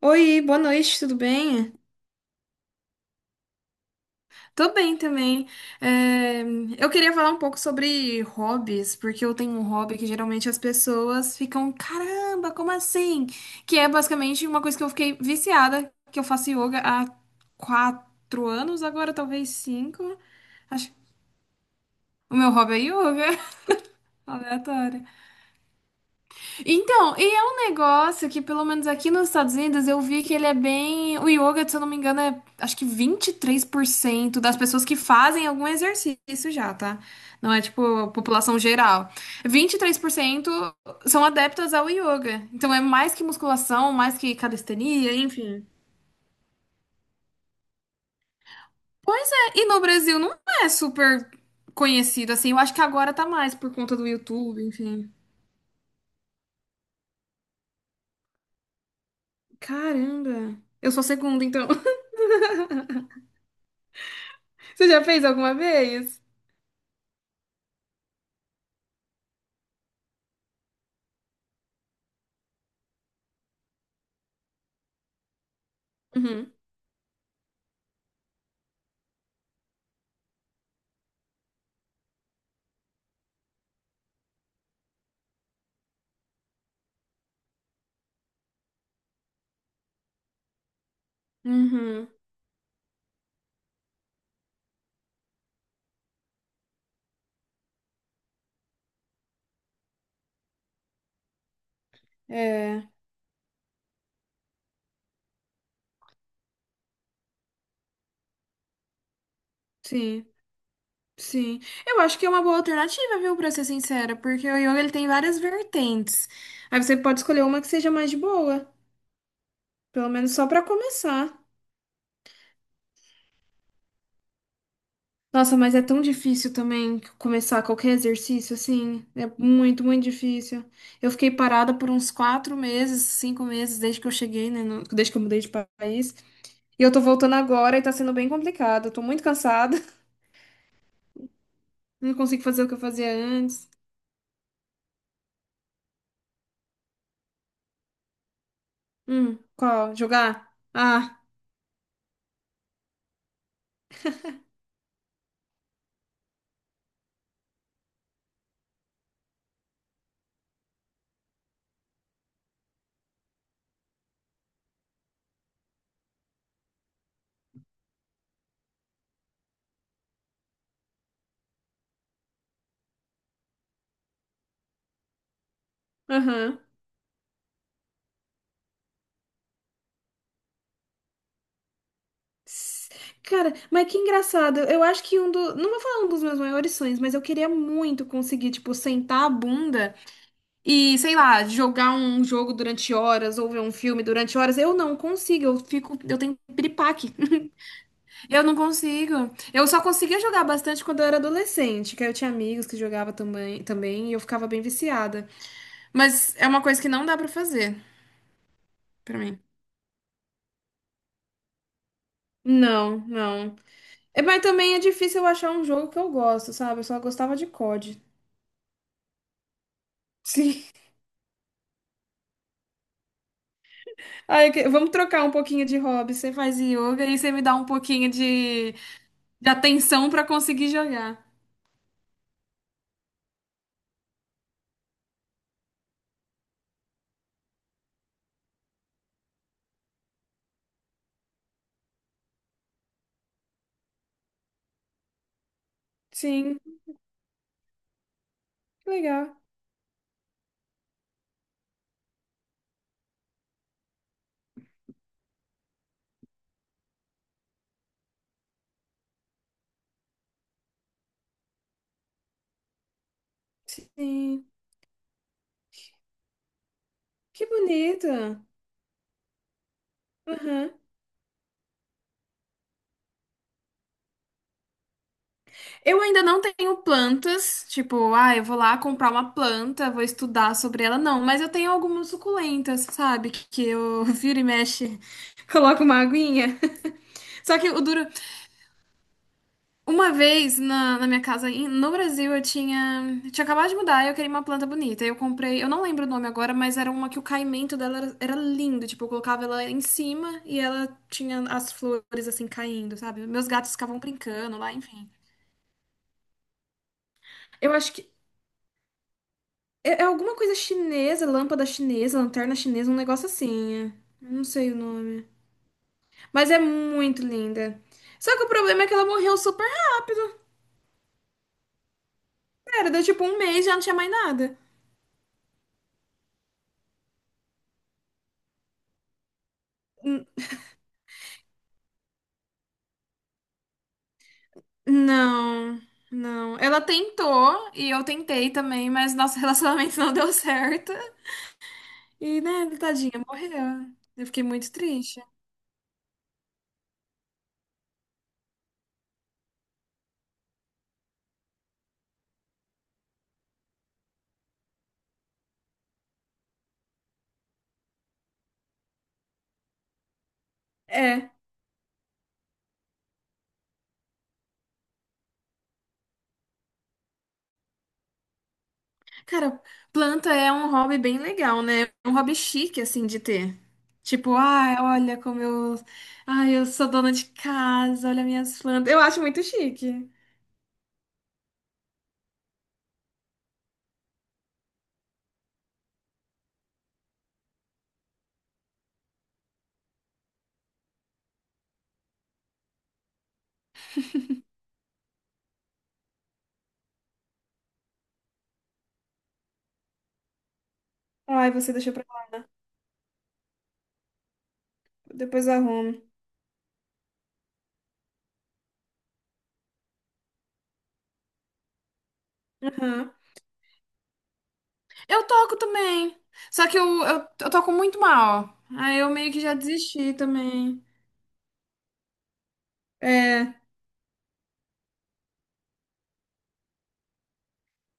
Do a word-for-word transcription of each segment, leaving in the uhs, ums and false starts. Oi, boa noite, tudo bem? Tô bem também. É, eu queria falar um pouco sobre hobbies, porque eu tenho um hobby que geralmente as pessoas ficam, caramba, como assim? Que é basicamente uma coisa que eu fiquei viciada, que eu faço yoga há quatro anos, agora talvez cinco. Acho. O meu hobby é yoga, aleatório. Então, e é um negócio que, pelo menos aqui nos Estados Unidos, eu vi que ele é bem. O yoga, se eu não me engano, é acho que vinte e três por cento das pessoas que fazem algum exercício já, tá? Não é tipo população geral. Vinte e três por cento são adeptas ao yoga. Então é mais que musculação, mais que calistenia, enfim. Pois é, e no Brasil não é super conhecido assim. Eu acho que agora tá mais por conta do YouTube, enfim. Caramba! Eu sou a segunda, então. Você já fez alguma vez? Uhum. Uhum. É, sim, sim. Eu acho que é uma boa alternativa, viu, pra ser sincera, porque o yoga ele tem várias vertentes. Aí você pode escolher uma que seja mais de boa, pelo menos só pra começar. Nossa, mas é tão difícil também começar qualquer exercício assim. É muito, muito difícil. Eu fiquei parada por uns quatro meses, cinco meses, desde que eu cheguei, né? no- desde que eu mudei de país. E eu tô voltando agora e tá sendo bem complicado. Eu tô muito cansada. Não consigo fazer o que eu fazia antes. Hum, qual? Jogar? Ah, aham. S- Cara, mas que engraçado. Eu acho que um do. Não vou falar um dos meus maiores sonhos, mas eu queria muito conseguir, tipo, sentar a bunda e, sei lá, jogar um jogo durante horas ou ver um filme durante horas. Eu não consigo, eu fico. Eu tenho piripaque. Eu não consigo. Eu só conseguia jogar bastante quando eu era adolescente, que aí eu tinha amigos que jogavam também, também e eu ficava bem viciada. Mas é uma coisa que não dá pra fazer pra mim. Não, não. É, mas também é difícil eu achar um jogo que eu gosto, sabe? Eu só gostava de cod. Sim. Aí, que- vamos trocar um pouquinho de hobby. Você faz yoga e você me dá um pouquinho de, de atenção pra conseguir jogar. Sim, legal. Sim. Que bonita. Aham. Eu ainda não tenho plantas, tipo, ah, eu vou lá comprar uma planta, vou estudar sobre ela, não, mas eu tenho algumas suculentas, sabe? Que que eu viro e mexe, coloco uma aguinha. Só que o duro, uma vez na, na minha casa em- no Brasil eu tinha, eu tinha acabado de mudar, e eu queria uma planta bonita. Eu comprei, eu não lembro o nome agora, mas era uma que o caimento dela era, era lindo. Tipo, eu colocava ela em cima e ela tinha as flores assim caindo, sabe? Meus gatos ficavam brincando lá, enfim. Eu acho que é, é alguma coisa chinesa, lâmpada chinesa, lanterna chinesa, um negócio assim. é. Não sei o nome. Mas é muito linda. Só que o problema é que ela morreu super rápido. Era, deu tipo um mês e já não tinha mais nada. Não, não. Ela tentou e eu tentei também, mas nosso relacionamento não deu certo. E, né, tadinha, morreu. Eu fiquei muito triste. É. Cara, planta é um hobby bem legal, né? É um hobby chique, assim, de ter. Tipo, ah, olha como eu. Ai, eu sou dona de casa, olha minhas plantas. Eu acho muito chique. Ai, você deixou pra lá, depois eu arrumo. Aham. Eu toco também. Só que eu, eu, eu toco muito mal. Aí eu meio que já desisti também. É.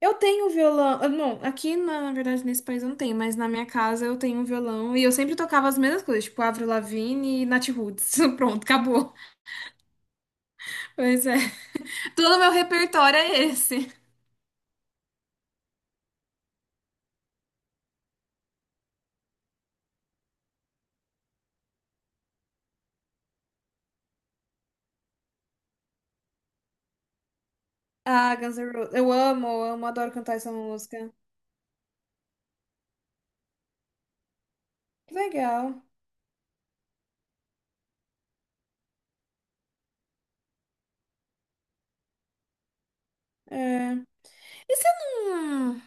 Eu tenho um violão. ah, Não, aqui na, na verdade nesse país eu não tenho, mas na minha casa eu tenho um violão e eu sempre tocava as mesmas coisas, tipo Avril Lavigne e Nat Roots. Pronto, acabou. Pois é. Todo meu repertório é esse. Ah, Guns N' Roses. Eu amo, eu amo, adoro cantar essa música. Que legal. E você não.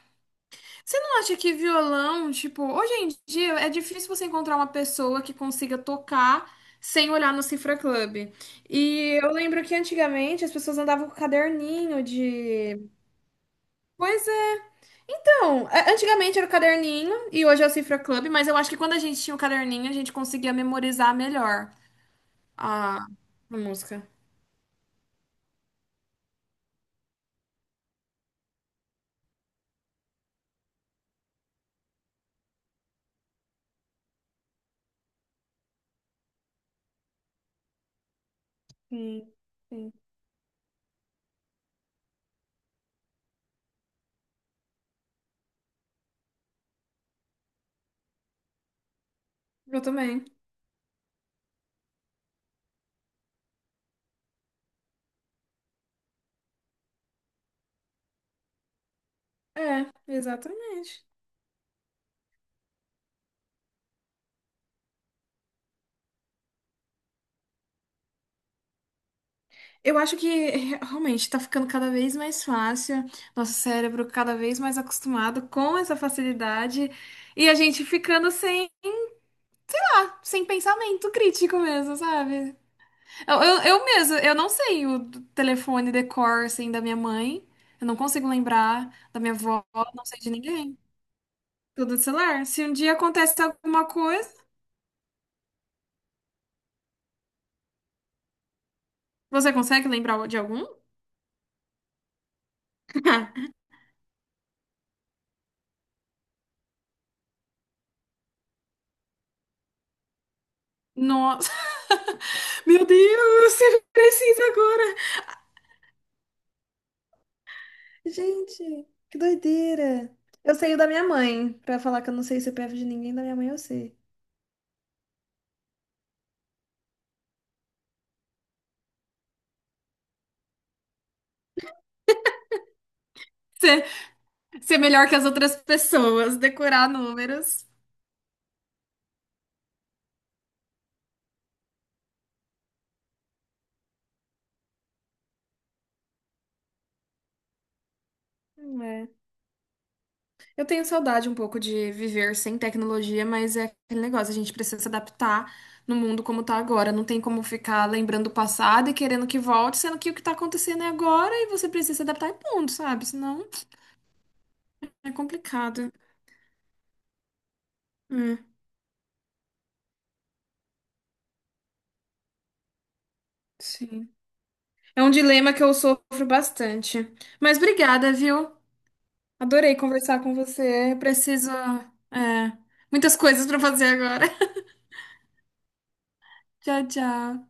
Você não acha que violão, tipo, hoje em dia é difícil você encontrar uma pessoa que consiga tocar sem olhar no Cifra Club. E eu lembro que antigamente as pessoas andavam com caderninho de. Pois é, então, a- antigamente era o caderninho e hoje é o Cifra Club, mas eu acho que quando a gente tinha o caderninho, a gente conseguia memorizar melhor a, a música. Sim, sim. Eu também. É, exatamente. Eu acho que eh, realmente tá ficando cada vez mais fácil, nosso cérebro cada vez mais acostumado com essa facilidade e a gente ficando sem, sem pensamento crítico mesmo, sabe? Eu, eu, eu mesmo, eu não sei o d- telefone decor assim da minha mãe, eu não consigo lembrar da minha avó, não sei de ninguém. Tudo do celular. Se um dia acontece alguma coisa, você consegue lembrar de algum? Nossa, meu Deus, você precisa agora. Gente, que doideira. Eu sei o da minha mãe. Pra falar que eu não sei o C P F de ninguém, da minha mãe eu sei. Ser, ser melhor que as outras pessoas, decorar números. Hum, É. Eu tenho saudade um pouco de viver sem tecnologia, mas é aquele negócio, a gente precisa se adaptar no mundo como tá agora. Não tem como ficar lembrando o passado e querendo que volte, sendo que o que tá acontecendo é agora e você precisa se adaptar e ponto, sabe? Senão é complicado. Hum. Sim. É um dilema que eu sofro bastante. Mas obrigada, viu? Adorei conversar com você. Preciso, é, muitas coisas para fazer agora. Tchau, tchau.